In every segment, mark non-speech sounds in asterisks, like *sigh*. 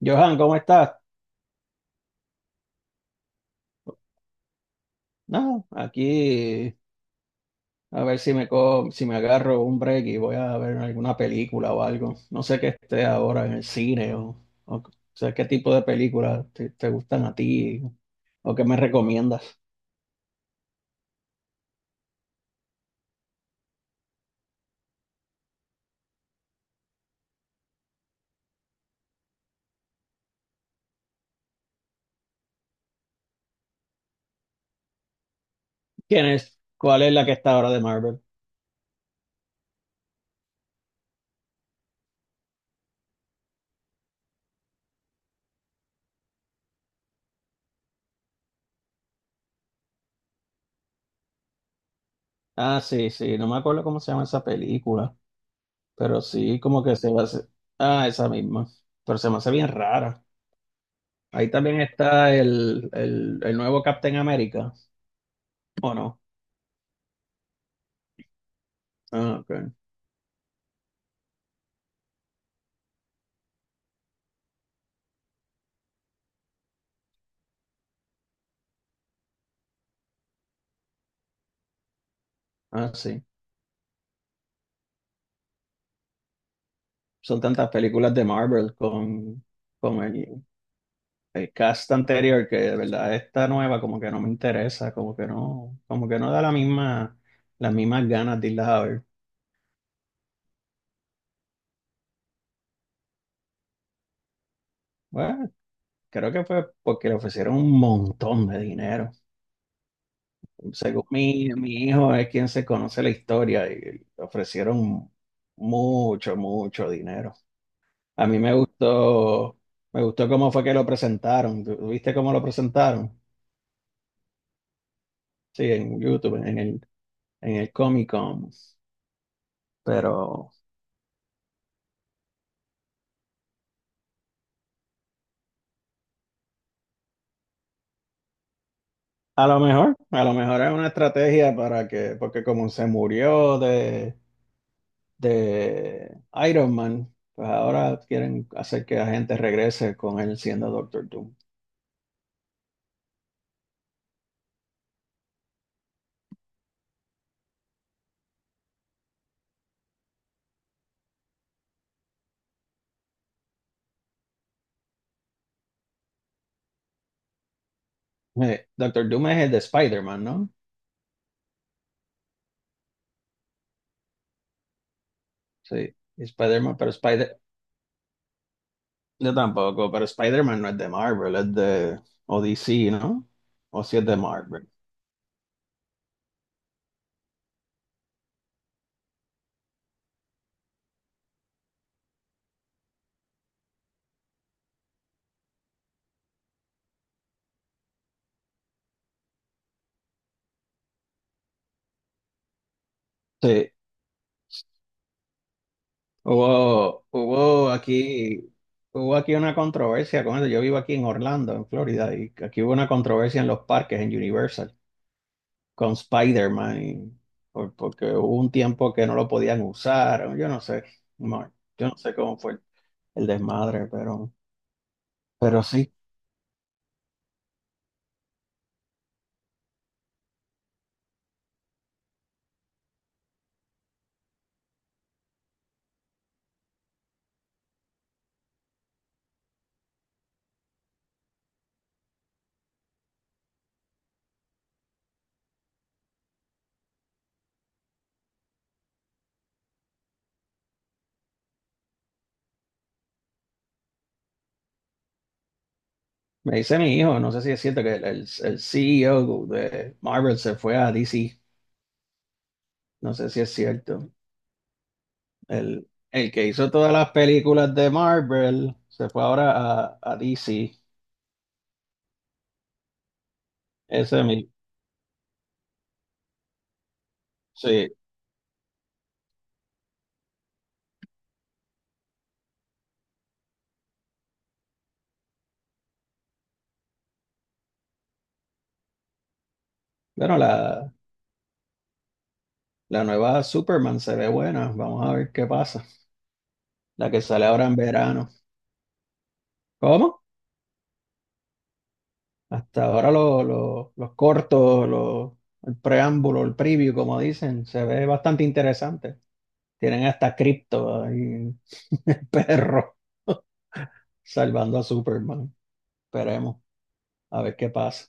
Johan, ¿cómo estás? No, aquí a ver si si me agarro un break y voy a ver alguna película o algo. No sé qué esté ahora en el cine o sea, qué tipo de películas te gustan a ti o qué me recomiendas. ¿Quién es? ¿Cuál es la que está ahora de Marvel? Ah, sí, sí, no me acuerdo cómo se llama esa película, pero sí, como que se va a hacer. Ah, esa misma, pero se me hace bien rara. Ahí también está el nuevo Captain America, ¿o no? Ah, ok. Ah, sí. Son tantas películas de Marvel con el cast anterior que de verdad esta nueva como que no me interesa, como que no da la misma, las mismas ganas de irlas a ver. Bueno, creo que fue porque le ofrecieron un montón de dinero. Según mi hijo es quien se conoce la historia y le ofrecieron mucho, mucho dinero. A mí me gustó cómo fue que lo presentaron. ¿Viste cómo lo presentaron? Sí, en YouTube, en el Comic Con. Pero a lo mejor es una estrategia para que, porque como se murió de Iron Man, pues ahora quieren hacer que la gente regrese con él siendo Doctor Doom. Doctor Doom es el de Spider-Man, ¿no? Sí, y Spider-Man, yo tampoco, pero Spider-Man no es de Marvel, es de, o DC, ¿no? O si es de Marvel. Sí, Hubo, hubo aquí, hubo aquí una controversia con eso. Yo vivo aquí en Orlando, en Florida, y aquí hubo una controversia en los parques, en Universal, con Spider-Man, porque hubo un tiempo que no lo podían usar. O yo no sé, no, yo no sé cómo fue el desmadre, pero sí. Me dice mi hijo, no sé si es cierto que el CEO de Marvel se fue a DC. No sé si es cierto. El que hizo todas las películas de Marvel se fue ahora a DC. Ese es mi, sí. Bueno, la nueva Superman se ve buena. Vamos a ver qué pasa. La que sale ahora en verano. ¿Cómo? Hasta ahora los cortos, el preámbulo, el preview, como dicen, se ve bastante interesante. Tienen hasta cripto ahí, *laughs* el perro, salvando a Superman. Esperemos a ver qué pasa.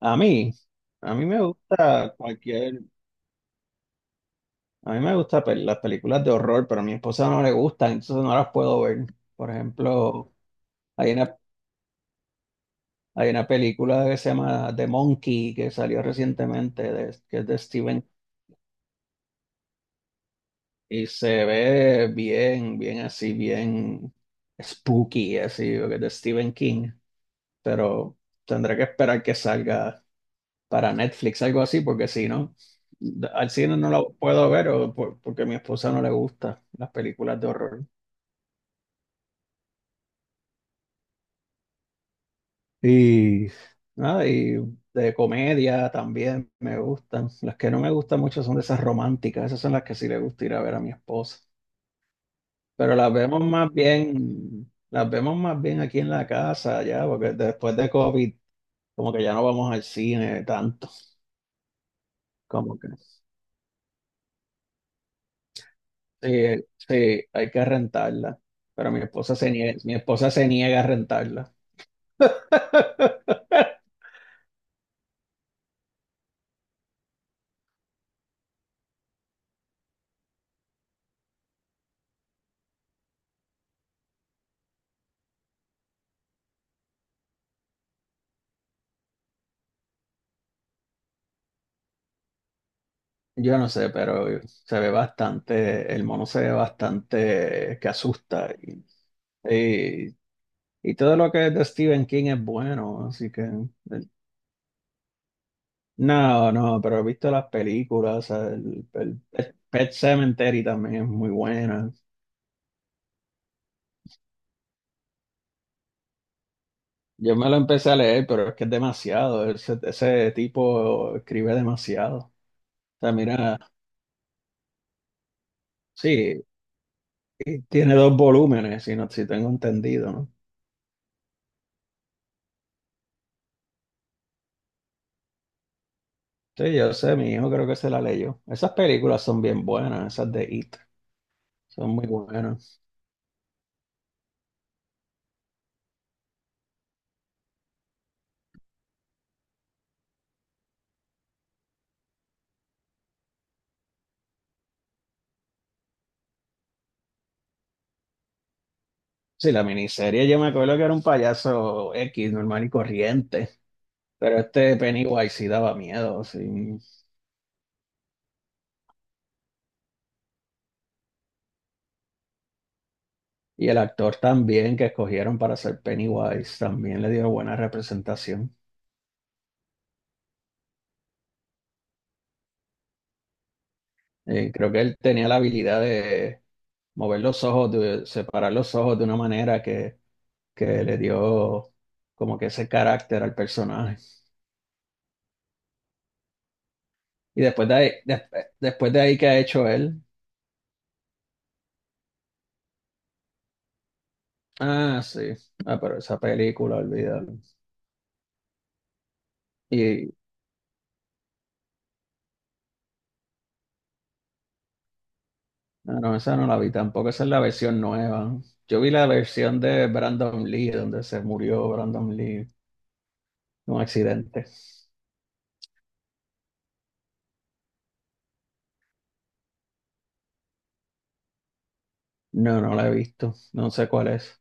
A mí, a mí me gusta cualquier. A mí me gustan las películas de horror, pero a mi esposa no le gustan, entonces no las puedo ver. Por ejemplo, hay una, hay una película que se llama The Monkey, que salió recientemente, que es de Steven, y se ve bien, bien así, bien spooky, así, porque es de Stephen King, pero tendré que esperar que salga para Netflix, algo así, porque si no, al cine no la puedo ver porque a mi esposa no le gustan las películas de horror. Y nada, y de comedia también me gustan. Las que no me gustan mucho son de esas románticas, esas son las que sí le gusta ir a ver a mi esposa. Pero las vemos más bien aquí en la casa ya, porque después de COVID, como que ya no vamos al cine tanto. Como que sí, sí, hay que rentarla. Pero mi esposa se niega a rentarla. *laughs* Yo no sé, pero se ve bastante, el mono se ve bastante que asusta. Y- y todo lo que es de Stephen King es bueno, así que... No, no, pero he visto las películas, o sea, el Pet Cemetery también es muy buena. Yo me lo empecé a leer, pero es que es demasiado, ese tipo escribe demasiado. O sea, mira, sí, y tiene dos volúmenes, si, no, si tengo entendido, ¿no? Sí, yo sé, mi hijo creo que se la leyó. Esas películas son bien buenas, esas de It, son muy buenas. Sí, la miniserie yo me acuerdo que era un payaso X, normal y corriente, pero este Pennywise sí daba miedo, sí. Y el actor también que escogieron para ser Pennywise también le dio buena representación. Creo que él tenía la habilidad de mover los ojos, de separar los ojos de una manera que le dio como que ese carácter al personaje. Y después de ahí, después de ahí, ¿qué ha hecho él? Ah, sí. Ah, pero esa película, olvídalo. Y ah, no, esa no la vi tampoco, esa es la versión nueva. Yo vi la versión de Brandon Lee, donde se murió Brandon Lee en un accidente. No, no la he visto, no sé cuál es.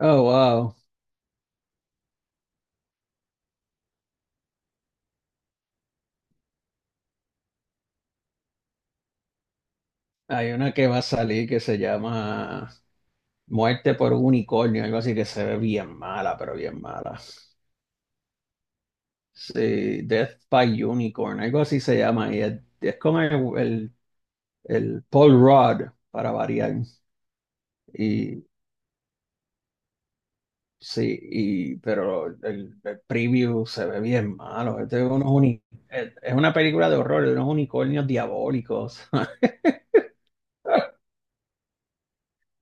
Oh, wow. Hay una que va a salir que se llama Muerte por un unicornio, algo así que se ve bien mala, pero bien mala. Sí, Death by Unicorn, algo así se llama. Y es con el Paul Rudd, para variar. Y sí, y, pero el preview se ve bien malo. Este es, es una película de horror, de unos unicornios diabólicos. *laughs*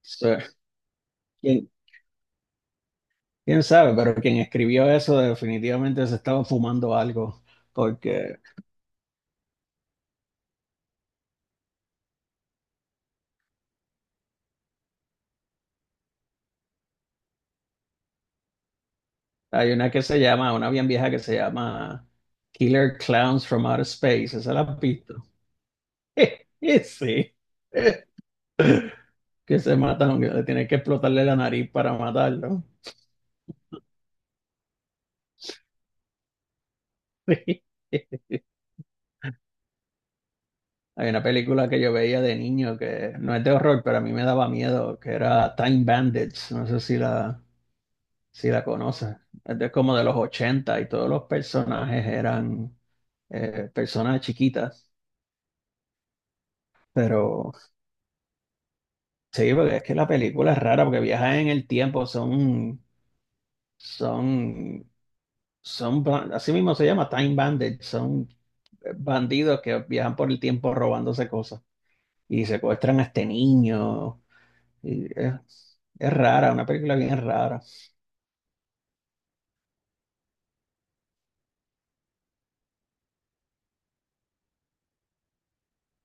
Sí. ¿Quién, ¿quién sabe? Pero quien escribió eso definitivamente se estaba fumando algo, porque hay una que se llama, una bien vieja que se llama Killer Clowns from Outer Space, ¿esa la has visto? *laughs* Sí. *laughs* que se matan, que le tienen que explotarle la nariz para matarlo. *laughs* Hay una película que yo veía de niño que no es de horror, pero a mí me daba miedo, que era Time Bandits. No sé si la, si la conoces. Es de como de los 80 y todos los personajes eran personas chiquitas. Pero sí, porque es que la película es rara porque viajan en el tiempo, son, así mismo se llama Time Bandits, son bandidos que viajan por el tiempo robándose cosas. Y secuestran a este niño. Y es rara, una película bien rara.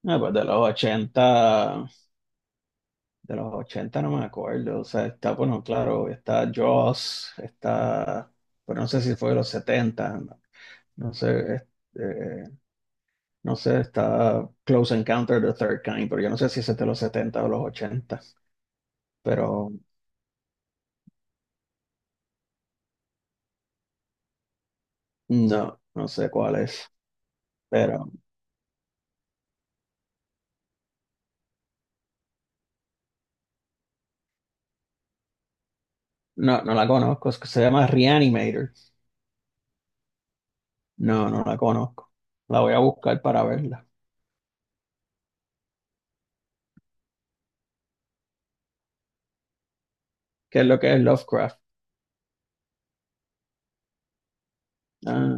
No, pues de los 80 no me acuerdo. O sea, está, bueno, claro, está Jaws, está, pero no sé si fue de los 70 no, no sé, eh, no sé, está Close Encounter of the Third Kind, pero yo no sé si ese es de los 70 o los 80 pero no, no sé cuál es, pero no, no la conozco, es que se llama Reanimator. No, no la conozco. La voy a buscar para verla. ¿Qué es lo que es Lovecraft? Ah,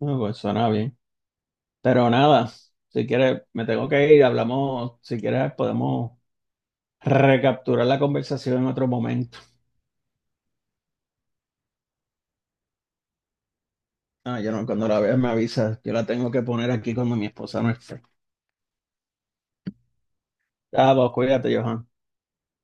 ah, pues suena bien. Pero nada, si quieres, me tengo que ir. Hablamos, si quieres, podemos recapturar la conversación en otro momento. Ah, yo no, cuando la veas me avisas. Yo la tengo que poner aquí cuando mi esposa no esté. Ah, pues cuídate, Johan.